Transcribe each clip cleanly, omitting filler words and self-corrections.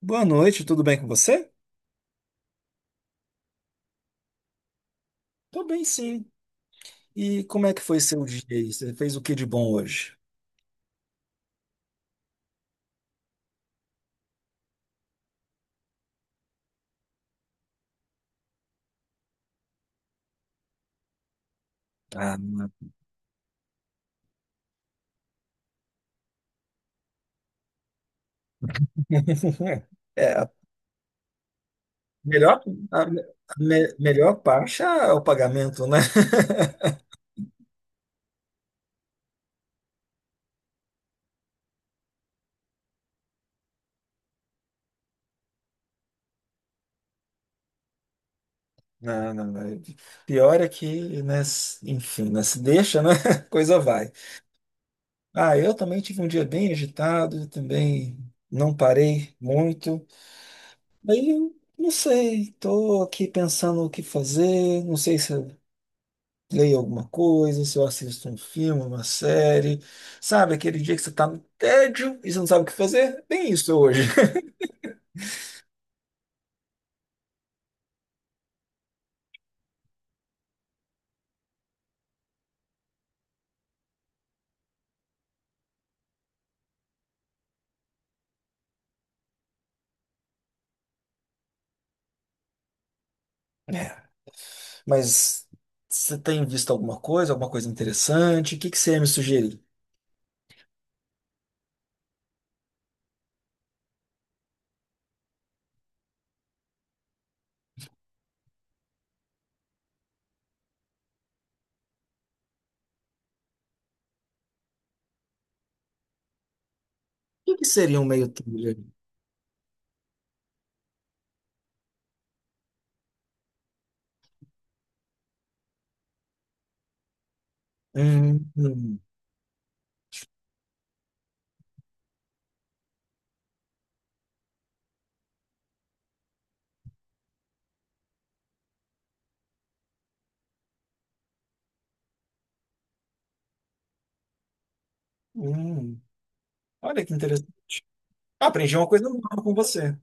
Boa noite, tudo bem com você? Tô bem, sim. E como é que foi seu dia aí? Você fez o que de bom hoje? Ah, é, melhor, a melhor parte é o pagamento, né? Não, não, não. Pior é que, né, enfim, né, se deixa, né? a Coisa vai. Ah, eu também tive um dia bem agitado, também não parei muito. Aí, eu não sei, tô aqui pensando o que fazer, não sei se leio alguma coisa, se eu assisto um filme, uma série, sabe? Aquele dia que você tá no tédio e você não sabe o que fazer? Bem isso hoje. É, mas você tem visto alguma coisa interessante? O que que você ia me sugerir? O que que seria um meio trilha? Hum, hum, hum. Olha que interessante. Ah, aprendi uma coisa nova com você.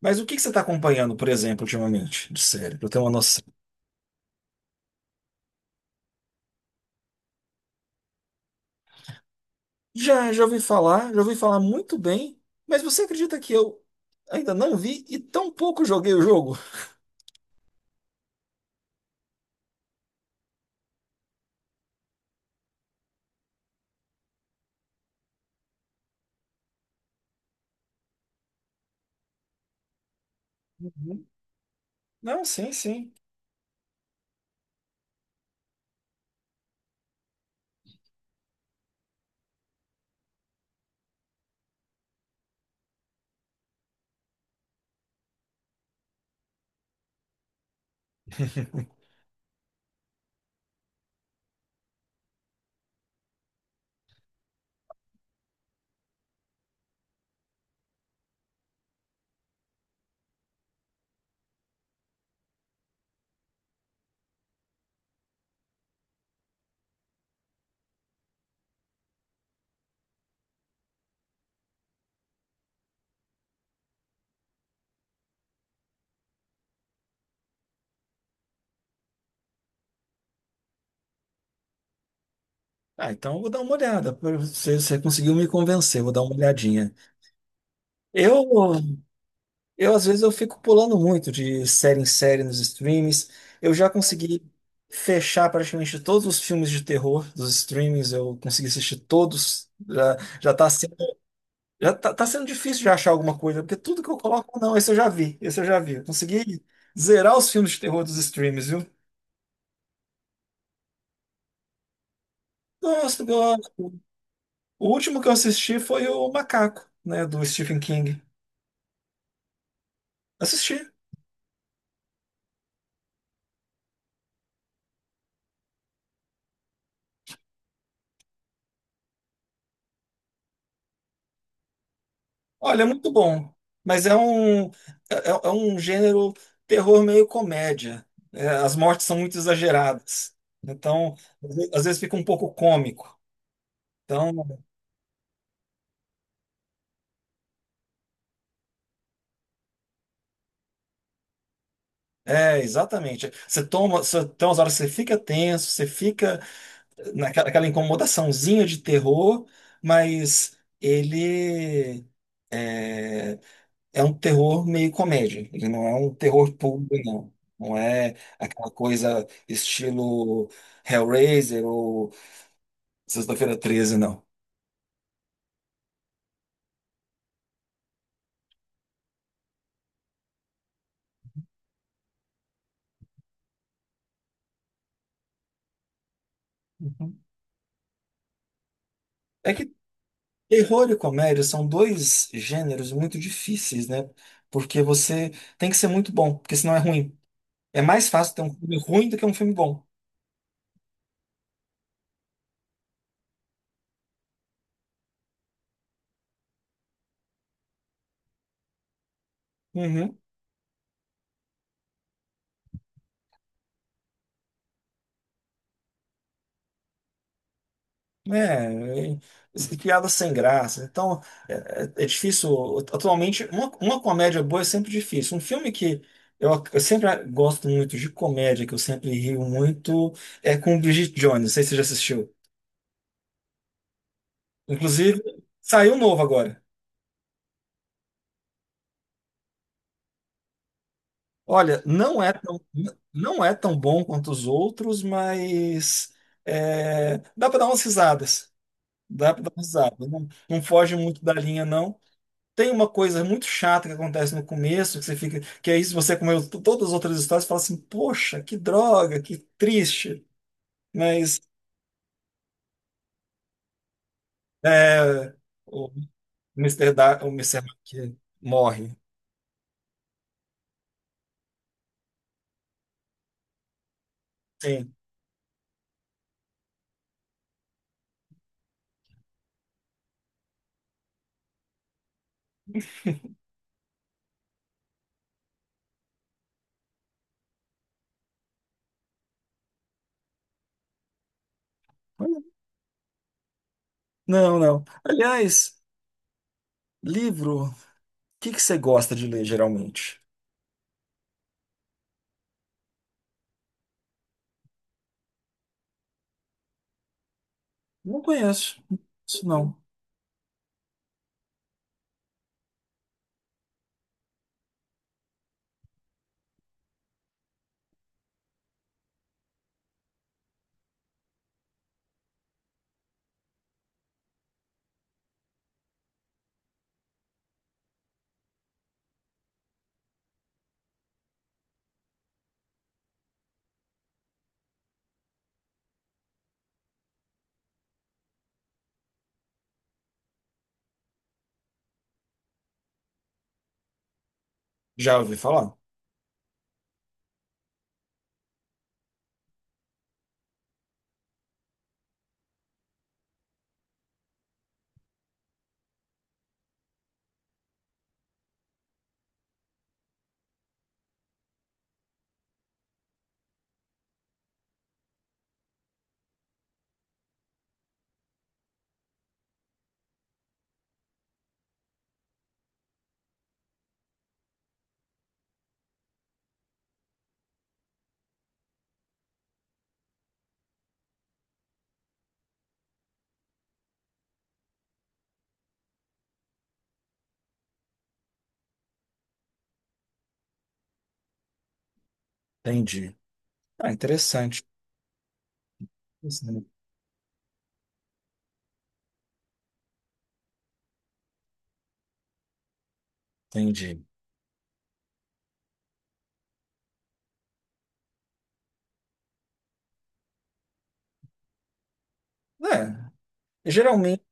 Mas o que que você está acompanhando, por exemplo, ultimamente, de série, para eu ter uma noção? Já, já ouvi falar muito bem, mas você acredita que eu ainda não vi e tão pouco joguei o jogo? Uhum. Não, sim, sim. Ah, então eu vou dar uma olhada. Você conseguiu me convencer, vou dar uma olhadinha. Eu, eu às vezes eu fico pulando muito de série em série nos streams. Eu já consegui fechar praticamente todos os filmes de terror dos streams. Eu consegui assistir todos. Já, já tá, tá sendo difícil de achar alguma coisa, porque tudo que eu coloco, não, esse eu já vi, esse eu já vi. Eu consegui zerar os filmes de terror dos streams, viu? Nossa, eu- o último que eu assisti foi o Macaco, né, do Stephen King. Assisti. Olha, é muito bom, mas é é um gênero terror meio comédia. É, as mortes são muito exageradas. Então, às vezes fica um pouco cômico. Então, é, exatamente. Você, tem umas horas que você fica tenso, você fica naquela aquela incomodaçãozinha de terror, mas ele é, é um terror meio comédia. Ele não é um terror puro, não. Não é aquela coisa estilo Hellraiser ou Sexta-feira Treze, não. Uhum. É que terror e comédia são dois gêneros muito difíceis, né? Porque você tem que ser muito bom, porque senão é ruim. É mais fácil ter um filme ruim do que um filme bom. Uhum. Né, é, piada sem graça. Então, é, é difícil. Atualmente, uma comédia boa é sempre difícil. Um filme que eu sempre gosto muito de comédia, que eu sempre rio muito, é com Bridget Jones. Não sei se você já assistiu. Inclusive, saiu um novo agora. Olha, não é tão bom quanto os outros, mas é, dá para dar umas risadas. Dá para dar umas risadas. Não, não foge muito da linha, não. Tem uma coisa muito chata que acontece no começo, que você fica, que é isso, você comeu todas as outras histórias e fala assim, poxa, que droga, que triste. Mas é, o Mister Mac morre. Sim. Não, não. Aliás, livro, o que que você gosta de ler geralmente? Não conheço. Isso não. Já ouvi falar? Entendi. Ah, interessante. Interessante. Entendi. É, geralmente.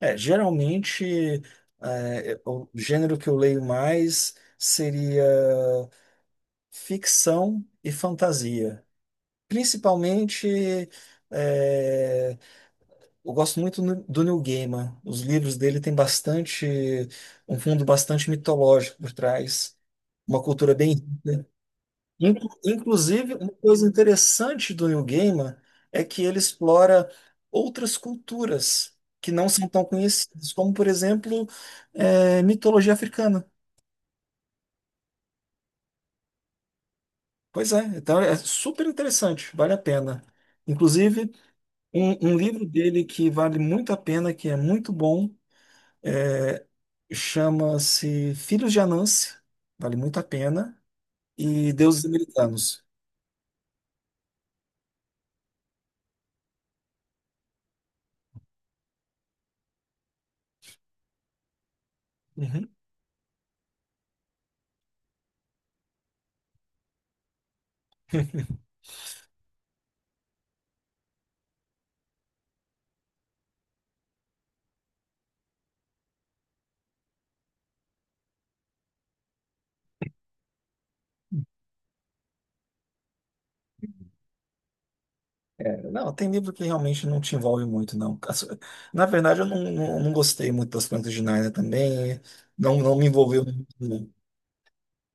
É, geralmente, é, o gênero que eu leio mais seria ficção e fantasia. Principalmente, é, eu gosto muito do Neil Gaiman. Os livros dele têm bastante, um fundo bastante mitológico por trás, uma cultura bem rica. Inclusive, uma coisa interessante do Neil Gaiman é que ele explora outras culturas que não são tão conhecidas, como, por exemplo, mitologia africana. Pois é, então é super interessante, vale a pena. Inclusive, um livro dele que vale muito a pena, que é muito bom, chama-se Filhos de Anansi, vale muito a pena, e Deuses Americanos. Uhum. É, não, tem livro que realmente não te envolve muito, não. As- na verdade, eu não gostei muito das Crônicas de Nárnia também. Não, não me envolveu muito, não.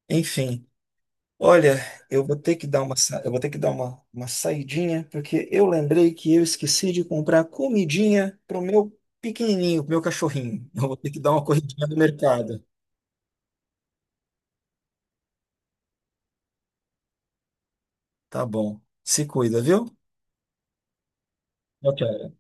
Enfim, olha, eu vou ter que dar eu vou ter que dar uma saidinha, porque eu lembrei que eu esqueci de comprar comidinha pro meu pequenininho, pro meu cachorrinho. Eu vou ter que dar uma corridinha no mercado. Tá bom. Se cuida, viu? Tchau, tchau.